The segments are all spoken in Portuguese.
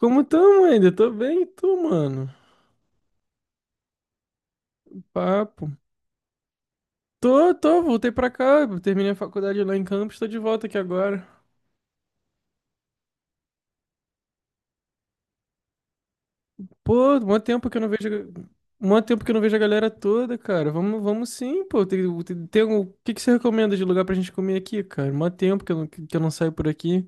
Como tamo ainda? Tô bem, mano. Papo. Tô, voltei pra cá. Terminei a faculdade lá em Campos, tô de volta aqui agora. Pô, mó tempo que eu não vejo. Mó tempo que eu não vejo a galera toda, cara. Vamos sim, pô. Tem, o que que você recomenda de lugar pra gente comer aqui, cara? Mó tempo que eu não saio por aqui.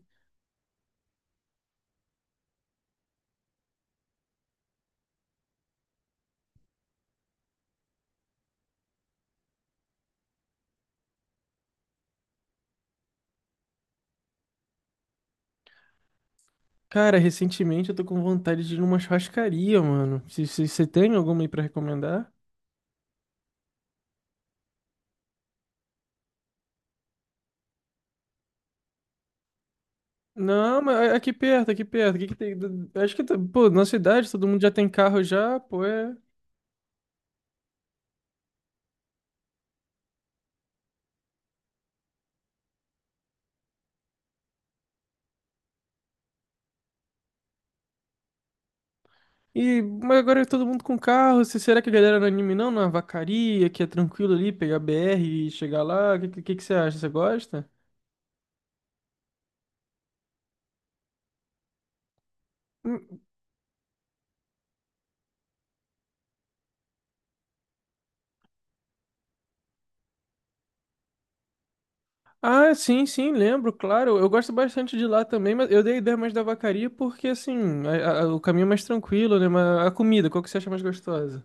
Cara, recentemente eu tô com vontade de ir numa churrascaria, mano. Você tem alguma aí pra recomendar? Não, mas aqui perto, aqui perto. O que que tem? Acho que, pô, na cidade todo mundo já tem carro já, pô. É. E mas agora é todo mundo com carro. Será que a galera não é anime não? Na vacaria, que é tranquilo ali, pegar BR e chegar lá? O que, que você acha? Você gosta? Hum. Ah, sim, sim, lembro, claro. Eu gosto bastante de lá também, mas eu dei a ideia mais da vacaria porque, assim, o caminho é mais tranquilo, né? Mas a comida, qual que você acha mais gostosa?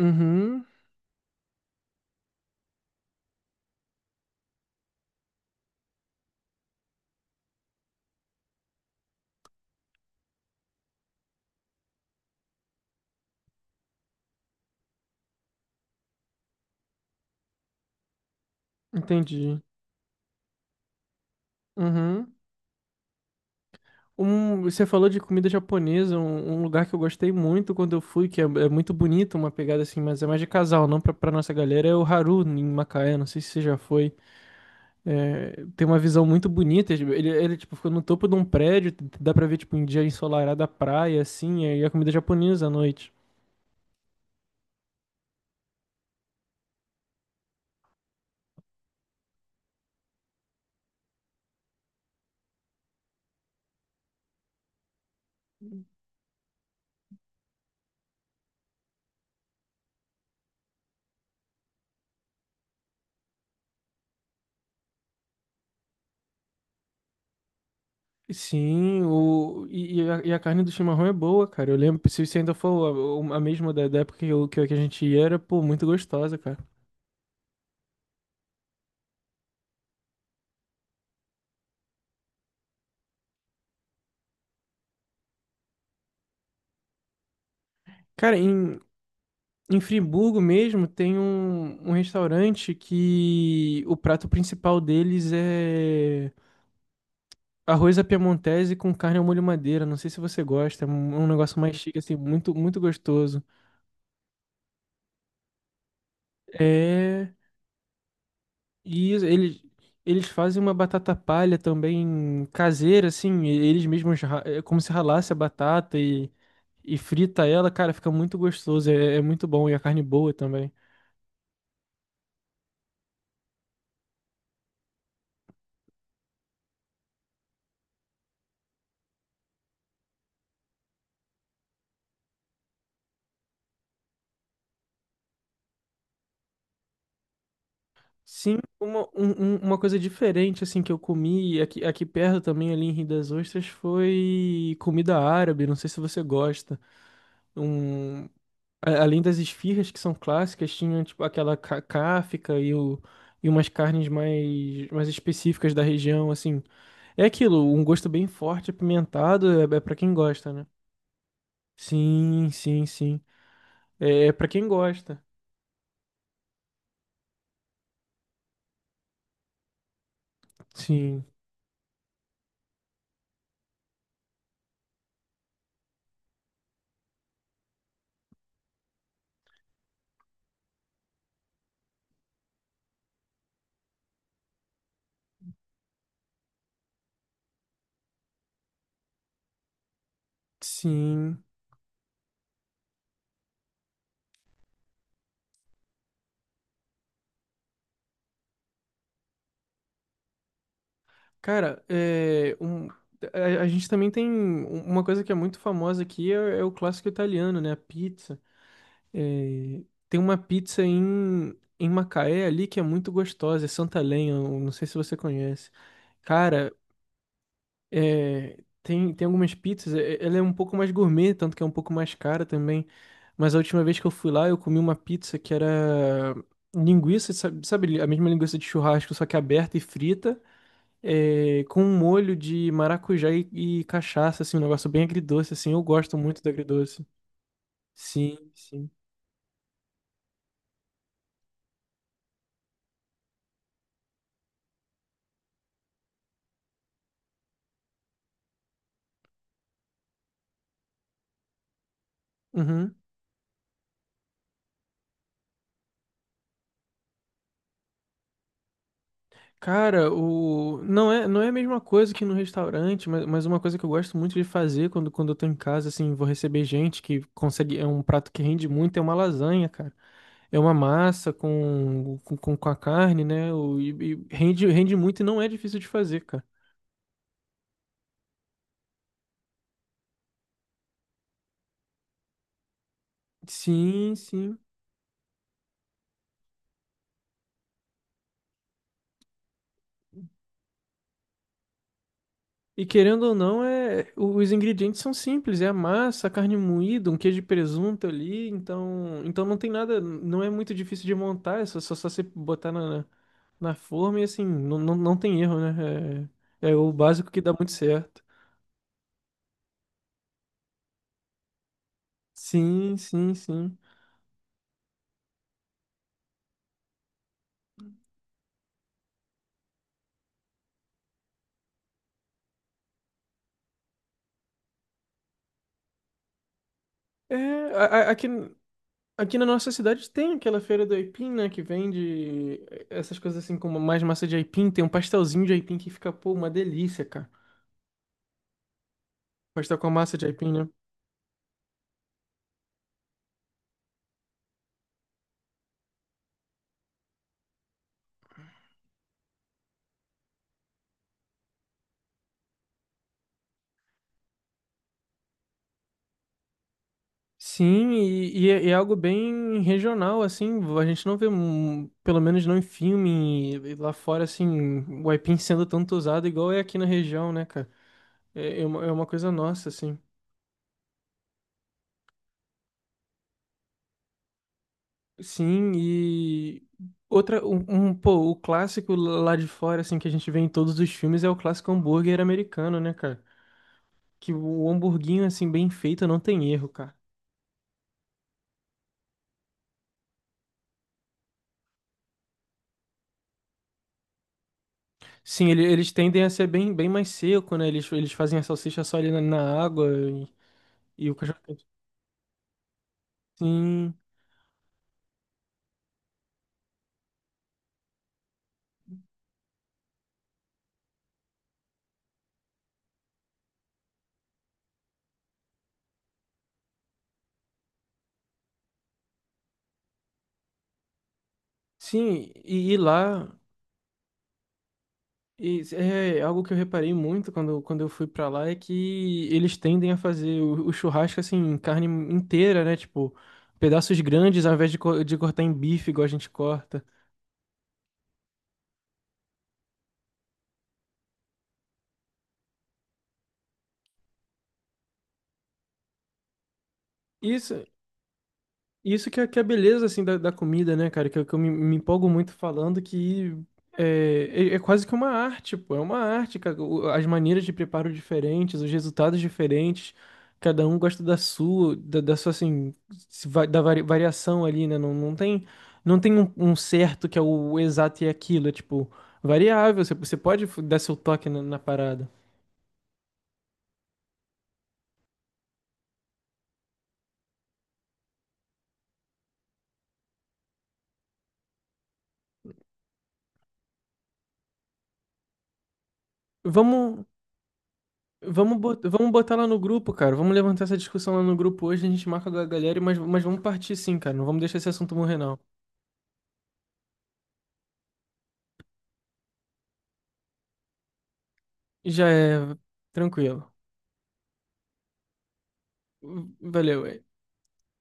Uhum. Entendi. Uhum. Você falou de comida japonesa, um lugar que eu gostei muito quando eu fui, é muito bonito, uma pegada assim, mas é mais de casal, não pra nossa galera, é o Haru em Macaé, não sei se você já foi. É, tem uma visão muito bonita, ele tipo, fica no topo de um prédio, dá pra ver tipo um dia ensolarado a praia, assim, e a comida japonesa à noite. Sim, o, e a carne do chimarrão é boa, cara. Eu lembro, se ainda for a mesma da época que, que a gente ia, era, pô, muito gostosa, cara. Cara, em, em Friburgo mesmo tem um restaurante que o prato principal deles é arroz à piemontese com carne ao molho madeira. Não sei se você gosta, é um negócio mais chique, assim, muito, muito gostoso. É. E isso, eles fazem uma batata palha também caseira, assim, eles mesmos, é como se ralasse a batata e frita ela, cara, fica muito gostoso, é, é muito bom e a carne boa também. Sim, uma coisa diferente assim que eu comi aqui, aqui perto também, ali em Rio das Ostras, foi comida árabe, não sei se você gosta. Um, além das esfirras que são clássicas, tinha tipo aquela cáfica e, o, e umas carnes mais, mais específicas da região, assim. É aquilo, um gosto bem forte, apimentado, é, é para quem gosta, né? Sim, sim, sim. É, é para quem gosta. Sim, sim. Cara, é, a gente também tem uma coisa que é muito famosa aqui, é, é o clássico italiano, né? A pizza. É, tem uma pizza em, em Macaé ali que é muito gostosa, é Santa Lenha, eu não sei se você conhece. Cara, é, tem algumas pizzas, ela é um pouco mais gourmet, tanto que é um pouco mais cara também. Mas a última vez que eu fui lá, eu comi uma pizza que era linguiça, sabe, sabe a mesma linguiça de churrasco, só que aberta e frita é, com um molho de maracujá e cachaça, assim, um negócio bem agridoce, assim. Eu gosto muito do agridoce. Sim, sim. Uhum. Cara, o... Não é, não é a mesma coisa que no restaurante, mas uma coisa que eu gosto muito de fazer quando eu tô em casa, assim, vou receber gente que consegue. É um prato que rende muito, é uma lasanha, cara. É uma massa com a carne, né? E rende, rende muito e não é difícil de fazer, cara. Sim, sim. E querendo ou não, é, os ingredientes são simples, é a massa, a carne moída, um queijo de presunto ali, então, então não tem nada, não é muito difícil de montar, é só, você botar na, na forma e assim, não, tem erro, né? É, é o básico que dá muito certo. Sim, sim, sim. É, aqui, aqui na nossa cidade tem aquela feira do aipim, né, que vende essas coisas assim, como mais massa de aipim, tem um pastelzinho de aipim que fica, pô, uma delícia, cara. Pastel com a massa de aipim, né? Sim, e é é algo bem regional, assim, a gente não vê, pelo menos não em filme, e lá fora, assim, o aipim sendo tanto usado igual é aqui na região, né, cara? É, é uma coisa nossa, assim. Sim, e outra, um, pô, o clássico lá de fora, assim, que a gente vê em todos os filmes é o clássico hambúrguer americano, né, cara? Que o hamburguinho, assim, bem feito não tem erro, cara. Sim, eles tendem a ser bem, bem mais seco, né? Eles fazem a salsicha só ali na, na água e... E o cachorro sim, sim, e lá e é é algo que eu reparei muito quando eu fui pra lá é que eles tendem a fazer o churrasco assim, em carne inteira, né? Tipo, pedaços grandes ao invés de, de cortar em bife igual a gente corta. Isso, Isso que é a beleza, assim, da comida, né, cara? Que, que eu me empolgo muito falando que é, é, é quase que uma arte, pô. É uma arte, cara. As maneiras de preparo diferentes, os resultados diferentes. Cada um gosta da sua, da sua, assim, se va- da vari- variação ali, né? Não tem um, um certo que é o exato e é aquilo. É, tipo, variável. Você pode dar seu toque na na parada. Vamos. Vamos, vamos botar lá no grupo, cara. Vamos levantar essa discussão lá no grupo hoje. A gente marca com a galera, mas vamos partir sim, cara. Não vamos deixar esse assunto morrer, não. Já é tranquilo. Valeu,